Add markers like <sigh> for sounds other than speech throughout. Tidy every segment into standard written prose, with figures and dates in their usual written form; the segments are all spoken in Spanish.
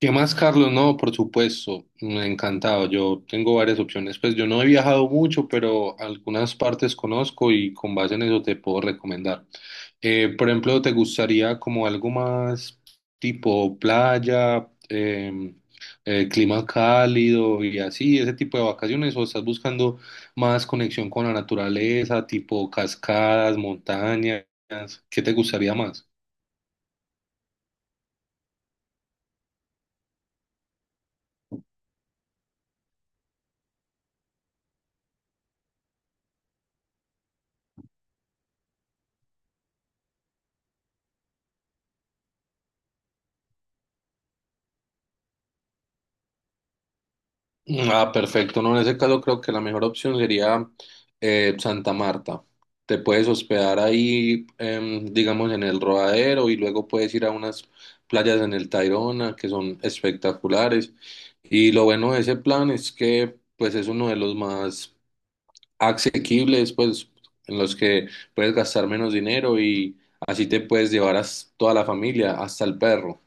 ¿Qué más, Carlos? No, por supuesto, me ha encantado. Yo tengo varias opciones. Pues yo no he viajado mucho, pero algunas partes conozco y con base en eso te puedo recomendar. Por ejemplo, ¿te gustaría como algo más tipo playa, clima cálido y así, ese tipo de vacaciones? ¿O estás buscando más conexión con la naturaleza, tipo cascadas, montañas? ¿Qué te gustaría más? Ah, perfecto. No, en ese caso creo que la mejor opción sería Santa Marta. Te puedes hospedar ahí, digamos, en el Rodadero y luego puedes ir a unas playas en el Tayrona que son espectaculares. Y lo bueno de ese plan es que, pues, es uno de los más asequibles, pues, en los que puedes gastar menos dinero y así te puedes llevar a toda la familia, hasta el perro.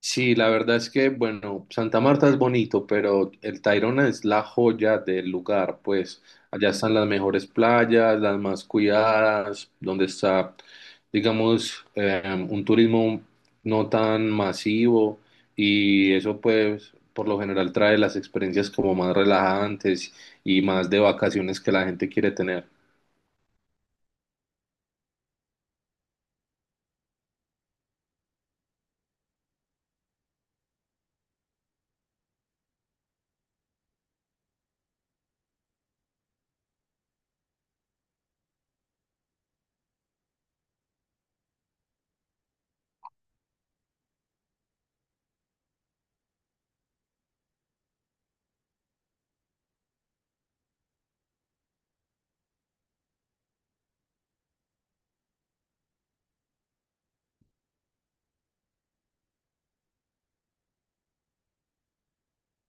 Sí, la verdad es que, bueno, Santa Marta es bonito, pero el Tayrona es la joya del lugar, pues allá están las mejores playas, las más cuidadas, donde está, digamos, un turismo no tan masivo, y eso pues por lo general trae las experiencias como más relajantes y más de vacaciones que la gente quiere tener.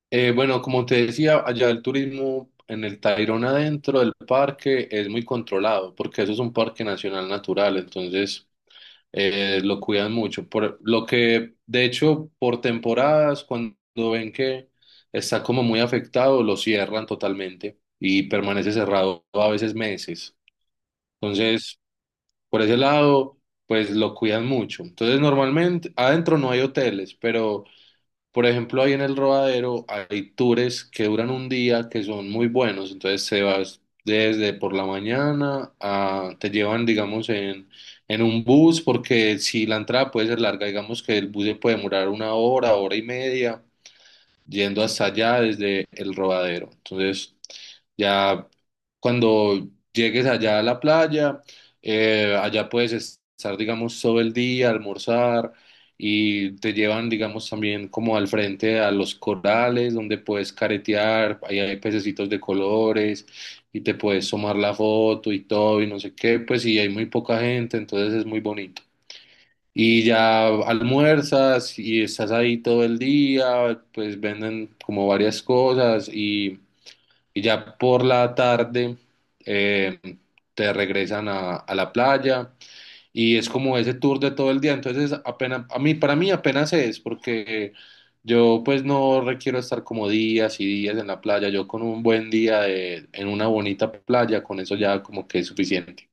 Bueno, como te decía, allá el turismo en el Tayrona dentro del parque es muy controlado, porque eso es un parque nacional natural. Entonces, lo cuidan mucho. Por lo que, de hecho, por temporadas, cuando ven que está como muy afectado, lo cierran totalmente y permanece cerrado a veces meses. Entonces, por ese lado, pues lo cuidan mucho. Entonces, normalmente adentro no hay hoteles, pero por ejemplo, ahí en el Rodadero hay tours que duran un día que son muy buenos. Entonces se vas desde por la mañana te llevan, digamos, en, un bus, porque si la entrada puede ser larga, digamos que el bus se puede demorar una hora, hora y media yendo hasta allá desde el Rodadero. Entonces, ya cuando llegues allá a la playa, allá puedes estar, digamos, todo el día, almorzar, y te llevan, digamos, también como al frente a los corales donde puedes caretear, ahí hay pececitos de colores y te puedes tomar la foto y todo y no sé qué, pues, y hay muy poca gente, entonces es muy bonito. Y ya almuerzas y estás ahí todo el día, pues venden como varias cosas, y ya por la tarde eh, te regresan a la playa, y es como ese tour de todo el día. Entonces apenas, a mí, para mí apenas es, porque yo pues no requiero estar como días y días en la playa. Yo con un buen día en una bonita playa, con eso ya como que es suficiente.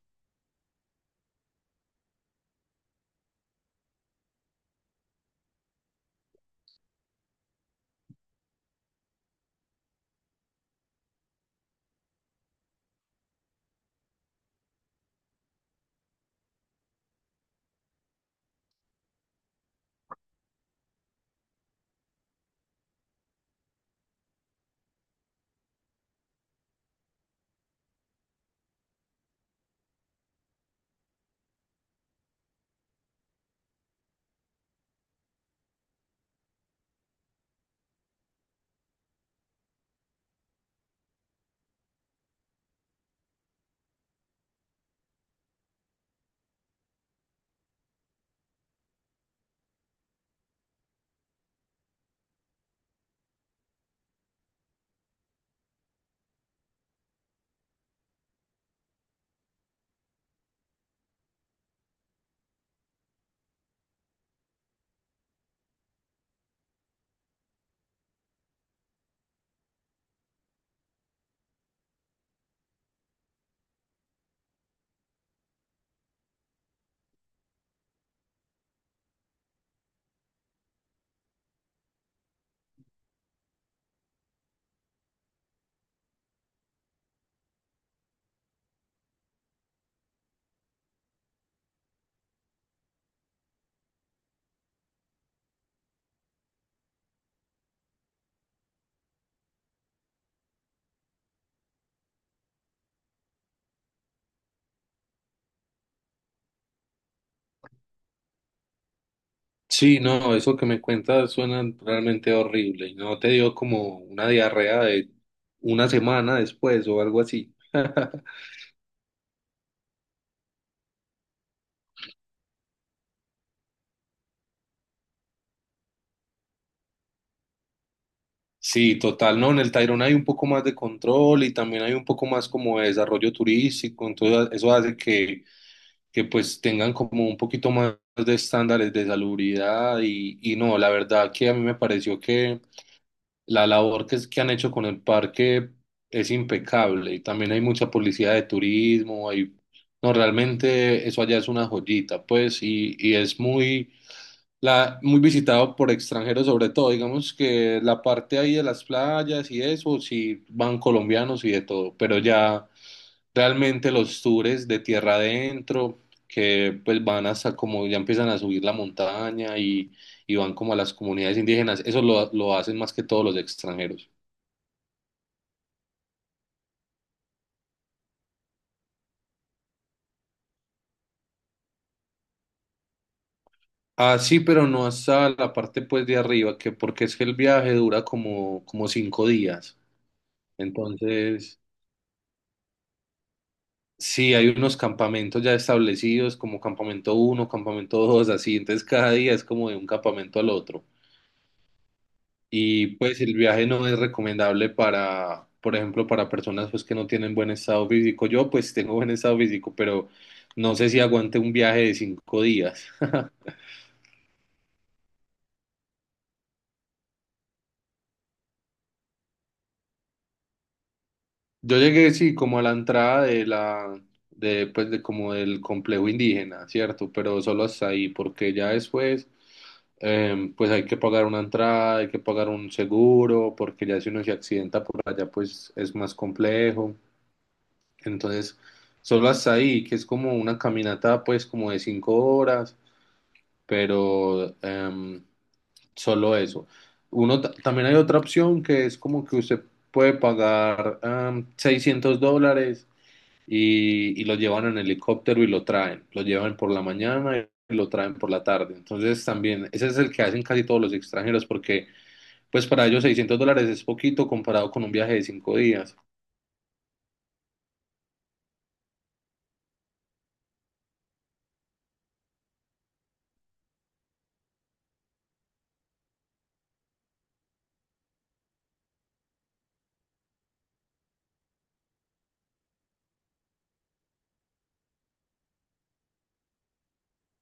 Sí, no, eso que me cuentas suena realmente horrible. ¿No te dio como una diarrea de una semana después o algo así? <laughs> Sí, total, no, en el Tayrona hay un poco más de control y también hay un poco más como de desarrollo turístico, entonces eso hace que pues tengan como un poquito más de estándares de salubridad, y no, la verdad que a mí me pareció que la labor que han hecho con el parque es impecable, y también hay mucha policía de turismo, hay. No, realmente eso allá es una joyita, pues, y es muy visitado por extranjeros, sobre todo. Digamos que la parte ahí de las playas y eso, sí van colombianos y de todo, pero ya realmente los tours de tierra adentro, que pues van hasta como ya empiezan a subir la montaña, y van como a las comunidades indígenas, eso lo hacen más que todos los extranjeros. Ah, sí, pero no hasta la parte pues de arriba, ¿que porque es que el viaje dura como 5 días? Entonces, sí, hay unos campamentos ya establecidos, como campamento uno, campamento dos, así. Entonces, cada día es como de un campamento al otro. Y pues el viaje no es recomendable para, por ejemplo, para personas pues que no tienen buen estado físico. Yo pues tengo buen estado físico, pero no sé si aguante un viaje de 5 días. <laughs> Yo llegué, sí, como a la entrada de la, pues, de como del complejo indígena, ¿cierto? Pero solo hasta ahí, porque ya después, pues hay que pagar una entrada, hay que pagar un seguro, porque ya si uno se accidenta por allá, pues es más complejo. Entonces, solo hasta ahí, que es como una caminata, pues, como de 5 horas, pero solo eso. Uno, también hay otra opción, que es como que usted puede pagar $600 y, lo llevan en helicóptero y lo traen. Lo llevan por la mañana y lo traen por la tarde. Entonces también, ese es el que hacen casi todos los extranjeros, porque pues para ellos $600 es poquito comparado con un viaje de 5 días.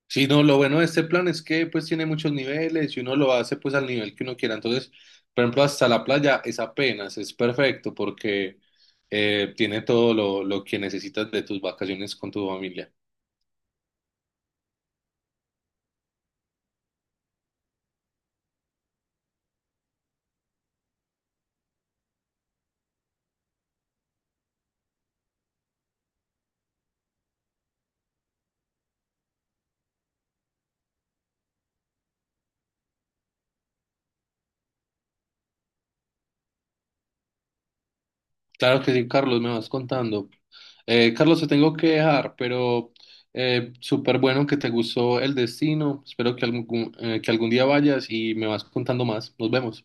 Sí, no, lo bueno de este plan es que pues tiene muchos niveles y uno lo hace pues al nivel que uno quiera. Entonces, por ejemplo, hasta la playa es apenas, es perfecto, porque tiene todo lo que necesitas de tus vacaciones con tu familia. Claro que sí, Carlos, me vas contando. Carlos, te tengo que dejar, pero súper bueno que te gustó el destino. Espero que que algún día vayas y me vas contando más. Nos vemos.